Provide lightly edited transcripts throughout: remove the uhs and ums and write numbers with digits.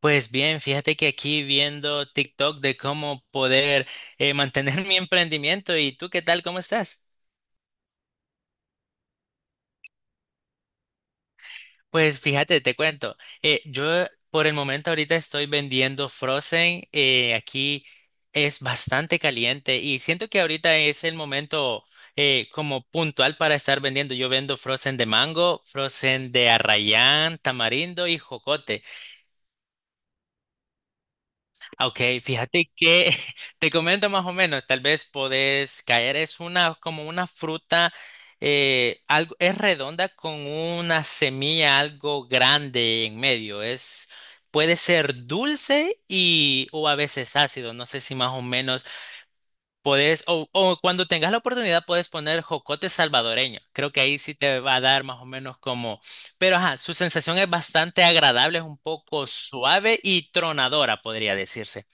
Pues bien, fíjate que aquí viendo TikTok de cómo poder mantener mi emprendimiento. ¿Y tú qué tal? ¿Cómo estás? Pues fíjate, te cuento. Yo por el momento ahorita estoy vendiendo Frozen. Aquí es bastante caliente y siento que ahorita es el momento como puntual para estar vendiendo. Yo vendo Frozen de mango, Frozen de arrayán, tamarindo y jocote. Ok, fíjate que te comento más o menos, tal vez podés caer, es una como una fruta, algo, es redonda con una semilla algo grande en medio, es, puede ser dulce y o a veces ácido, no sé si más o menos podés, o cuando tengas la oportunidad puedes poner jocote salvadoreño, creo que ahí sí te va a dar más o menos como, pero ajá, su sensación es bastante agradable, es un poco suave y tronadora, podría decirse.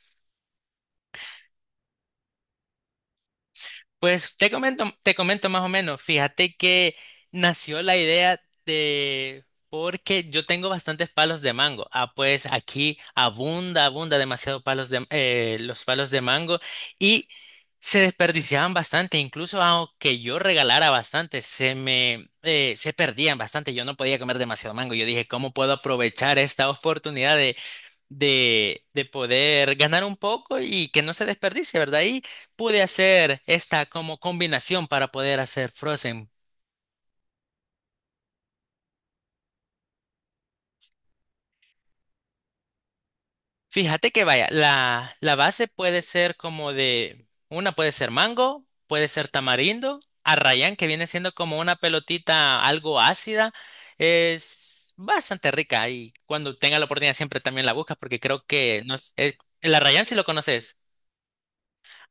Pues te comento más o menos. Fíjate que nació la idea de porque yo tengo bastantes palos de mango. Ah, pues aquí abunda, abunda demasiado palos de los palos de mango y se desperdiciaban bastante. Incluso aunque yo regalara bastante, se me se perdían bastante. Yo no podía comer demasiado mango. Yo dije, ¿cómo puedo aprovechar esta oportunidad de poder ganar un poco y que no se desperdicie, ¿verdad? Y pude hacer esta como combinación para poder hacer Frozen. Fíjate que vaya, la base puede ser como de, una puede ser mango, puede ser tamarindo, arrayán, que viene siendo como una pelotita algo ácida, es bastante rica y cuando tenga la oportunidad siempre también la buscas porque creo que no, el arrayán si lo conoces.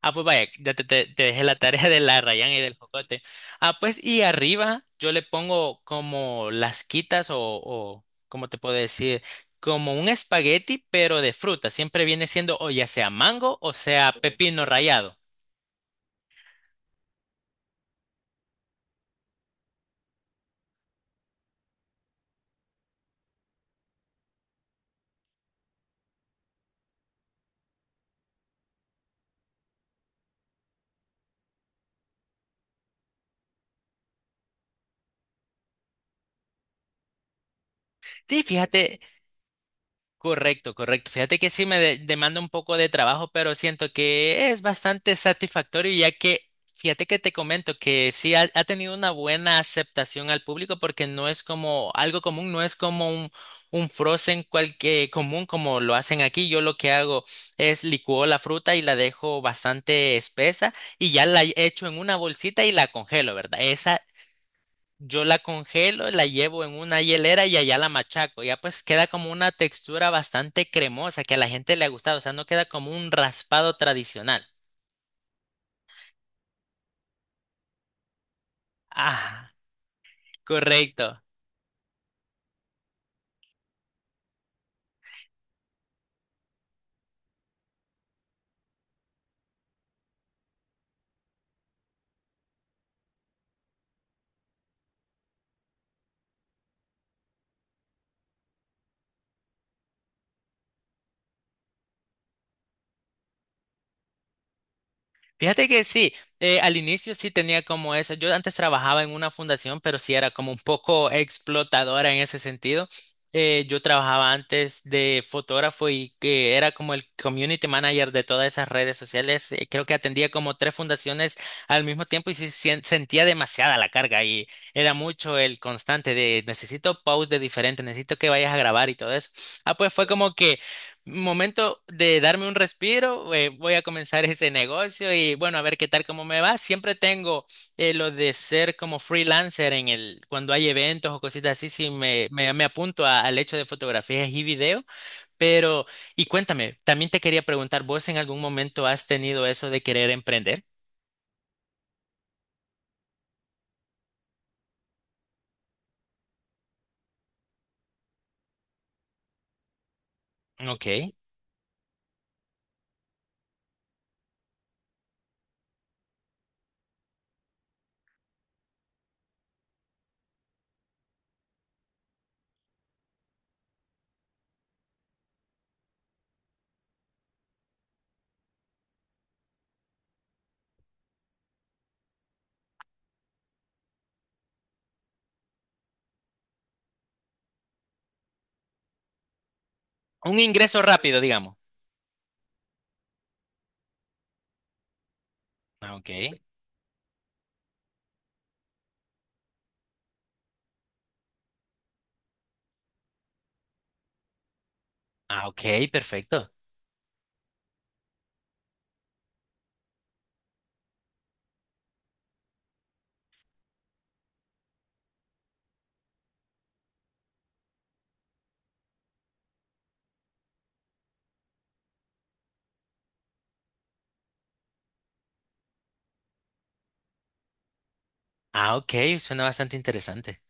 Ah, pues vaya, ya te, te dejé la tarea de la Rayan y del Jocote. Ah, pues y arriba yo le pongo como las quitas o ¿cómo te puedo decir? Como un espagueti, pero de fruta. Siempre viene siendo o ya sea mango o sea pepino rallado. Sí, fíjate, correcto, correcto. Fíjate que sí me demanda un poco de trabajo, pero siento que es bastante satisfactorio ya que, fíjate que te comento que sí ha, ha tenido una buena aceptación al público porque no es como algo común, no es como un frozen común como lo hacen aquí. Yo lo que hago es licuo la fruta y la dejo bastante espesa y ya la echo en una bolsita y la congelo, ¿verdad? Esa yo la congelo, la llevo en una hielera y allá la machaco. Ya pues queda como una textura bastante cremosa que a la gente le ha gustado. O sea, no queda como un raspado tradicional. Ah, correcto. Fíjate que sí, al inicio sí tenía como eso. Yo antes trabajaba en una fundación, pero sí era como un poco explotadora en ese sentido. Yo trabajaba antes de fotógrafo y que era como el community manager de todas esas redes sociales. Creo que atendía como 3 fundaciones al mismo tiempo y sí sentía demasiada la carga y era mucho el constante de necesito posts de diferentes, necesito que vayas a grabar y todo eso. Ah, pues fue como que momento de darme un respiro, voy a comenzar ese negocio y bueno, a ver qué tal, cómo me va. Siempre tengo lo de ser como freelancer en el, cuando hay eventos o cositas así, sí me apunto al hecho de fotografías y video. Pero, y cuéntame, también te quería preguntar, ¿vos en algún momento has tenido eso de querer emprender? Ok. Un ingreso rápido, digamos. Ah, ok. Ah, ok, perfecto. Ah, ok, suena bastante interesante.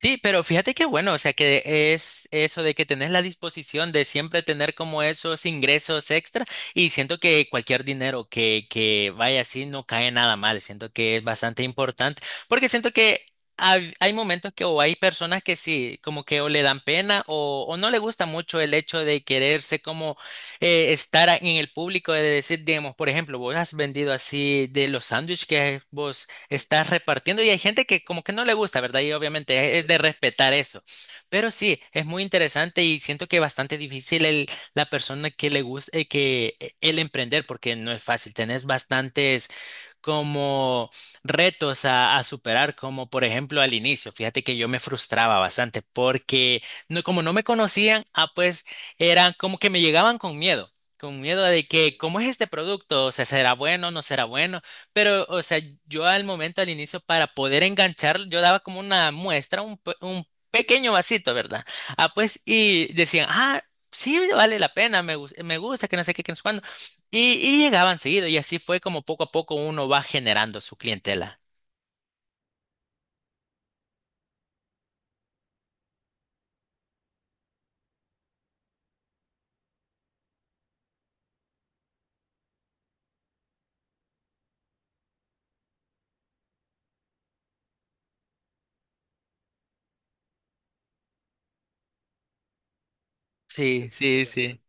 Sí, pero fíjate qué bueno, o sea que es eso de que tenés la disposición de siempre tener como esos ingresos extra y siento que cualquier dinero que vaya así no cae nada mal, siento que es bastante importante porque siento que hay momentos que o hay personas que sí, como que o le dan pena o no le gusta mucho el hecho de quererse como estar en el público, de decir, digamos, por ejemplo, vos has vendido así de los sándwiches que vos estás repartiendo y hay gente que como que no le gusta, ¿verdad? Y obviamente es de respetar eso. Pero sí, es muy interesante y siento que es bastante difícil el, la persona que le guste, que el emprender, porque no es fácil. Tenés bastantes como retos a superar, como por ejemplo al inicio. Fíjate que yo me frustraba bastante porque no, como no me conocían, ah, pues eran como que me llegaban con miedo. Con miedo de que, ¿cómo es este producto? O sea, ¿será bueno? ¿No será bueno? Pero, o sea, yo al momento, al inicio, para poder enganchar, yo daba como una muestra, un, un pequeño vasito, ¿verdad? Ah, pues, y decían, ah, sí, vale la pena, me gusta, que no sé qué, que no sé cuándo. Y llegaban seguido, y así fue como poco a poco uno va generando su clientela. Sí, sí, sí.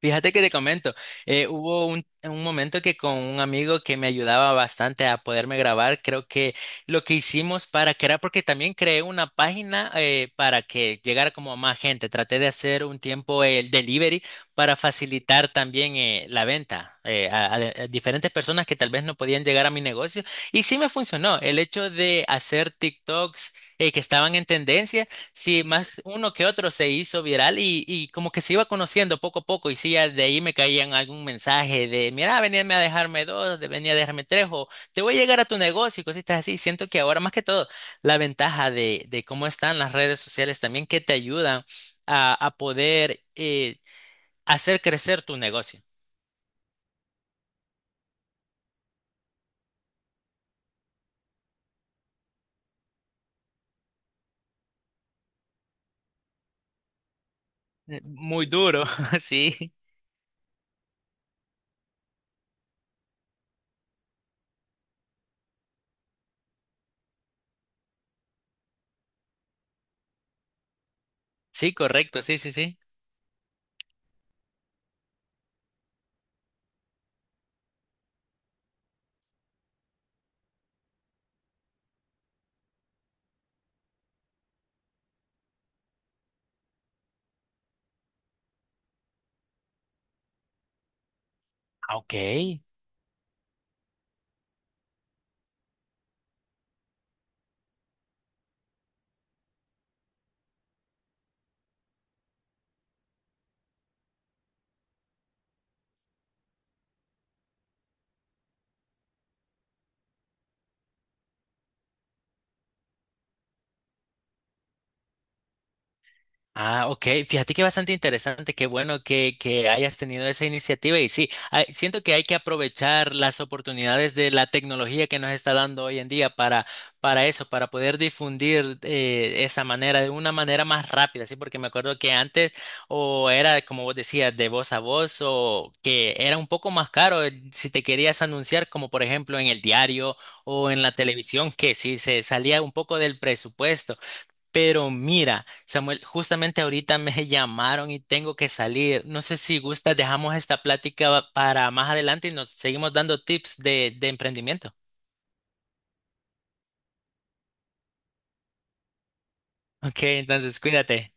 Fíjate que te comento, hubo un momento que con un amigo que me ayudaba bastante a poderme grabar, creo que lo que hicimos para crear, porque también creé una página para que llegara como a más gente, traté de hacer un tiempo el delivery para facilitar también la venta a diferentes personas que tal vez no podían llegar a mi negocio y sí me funcionó el hecho de hacer TikToks que estaban en tendencia. Sí, más uno que otro se hizo viral y como que se iba conociendo poco a poco y sí, ya de ahí me caían algún mensaje de, mira, veníame a dejarme dos, venía a dejarme tres o te voy a llegar a tu negocio y cositas así. Siento que ahora más que todo la ventaja de cómo están las redes sociales también que te ayudan a poder hacer crecer tu negocio. Muy duro, sí. Sí, correcto, sí, sí, sí. Ah, ok. Ah, ok. Fíjate que bastante interesante. Qué bueno que hayas tenido esa iniciativa. Y sí, siento que hay que aprovechar las oportunidades de la tecnología que nos está dando hoy en día para eso, para poder difundir esa manera de una manera más rápida. Sí, porque me acuerdo que antes o era, como vos decías, de voz a voz o que era un poco más caro si te querías anunciar, como por ejemplo en el diario o en la televisión, que sí se salía un poco del presupuesto. Pero mira, Samuel, justamente ahorita me llamaron y tengo que salir. No sé si gustas, dejamos esta plática para más adelante y nos seguimos dando tips de emprendimiento. Ok, entonces cuídate.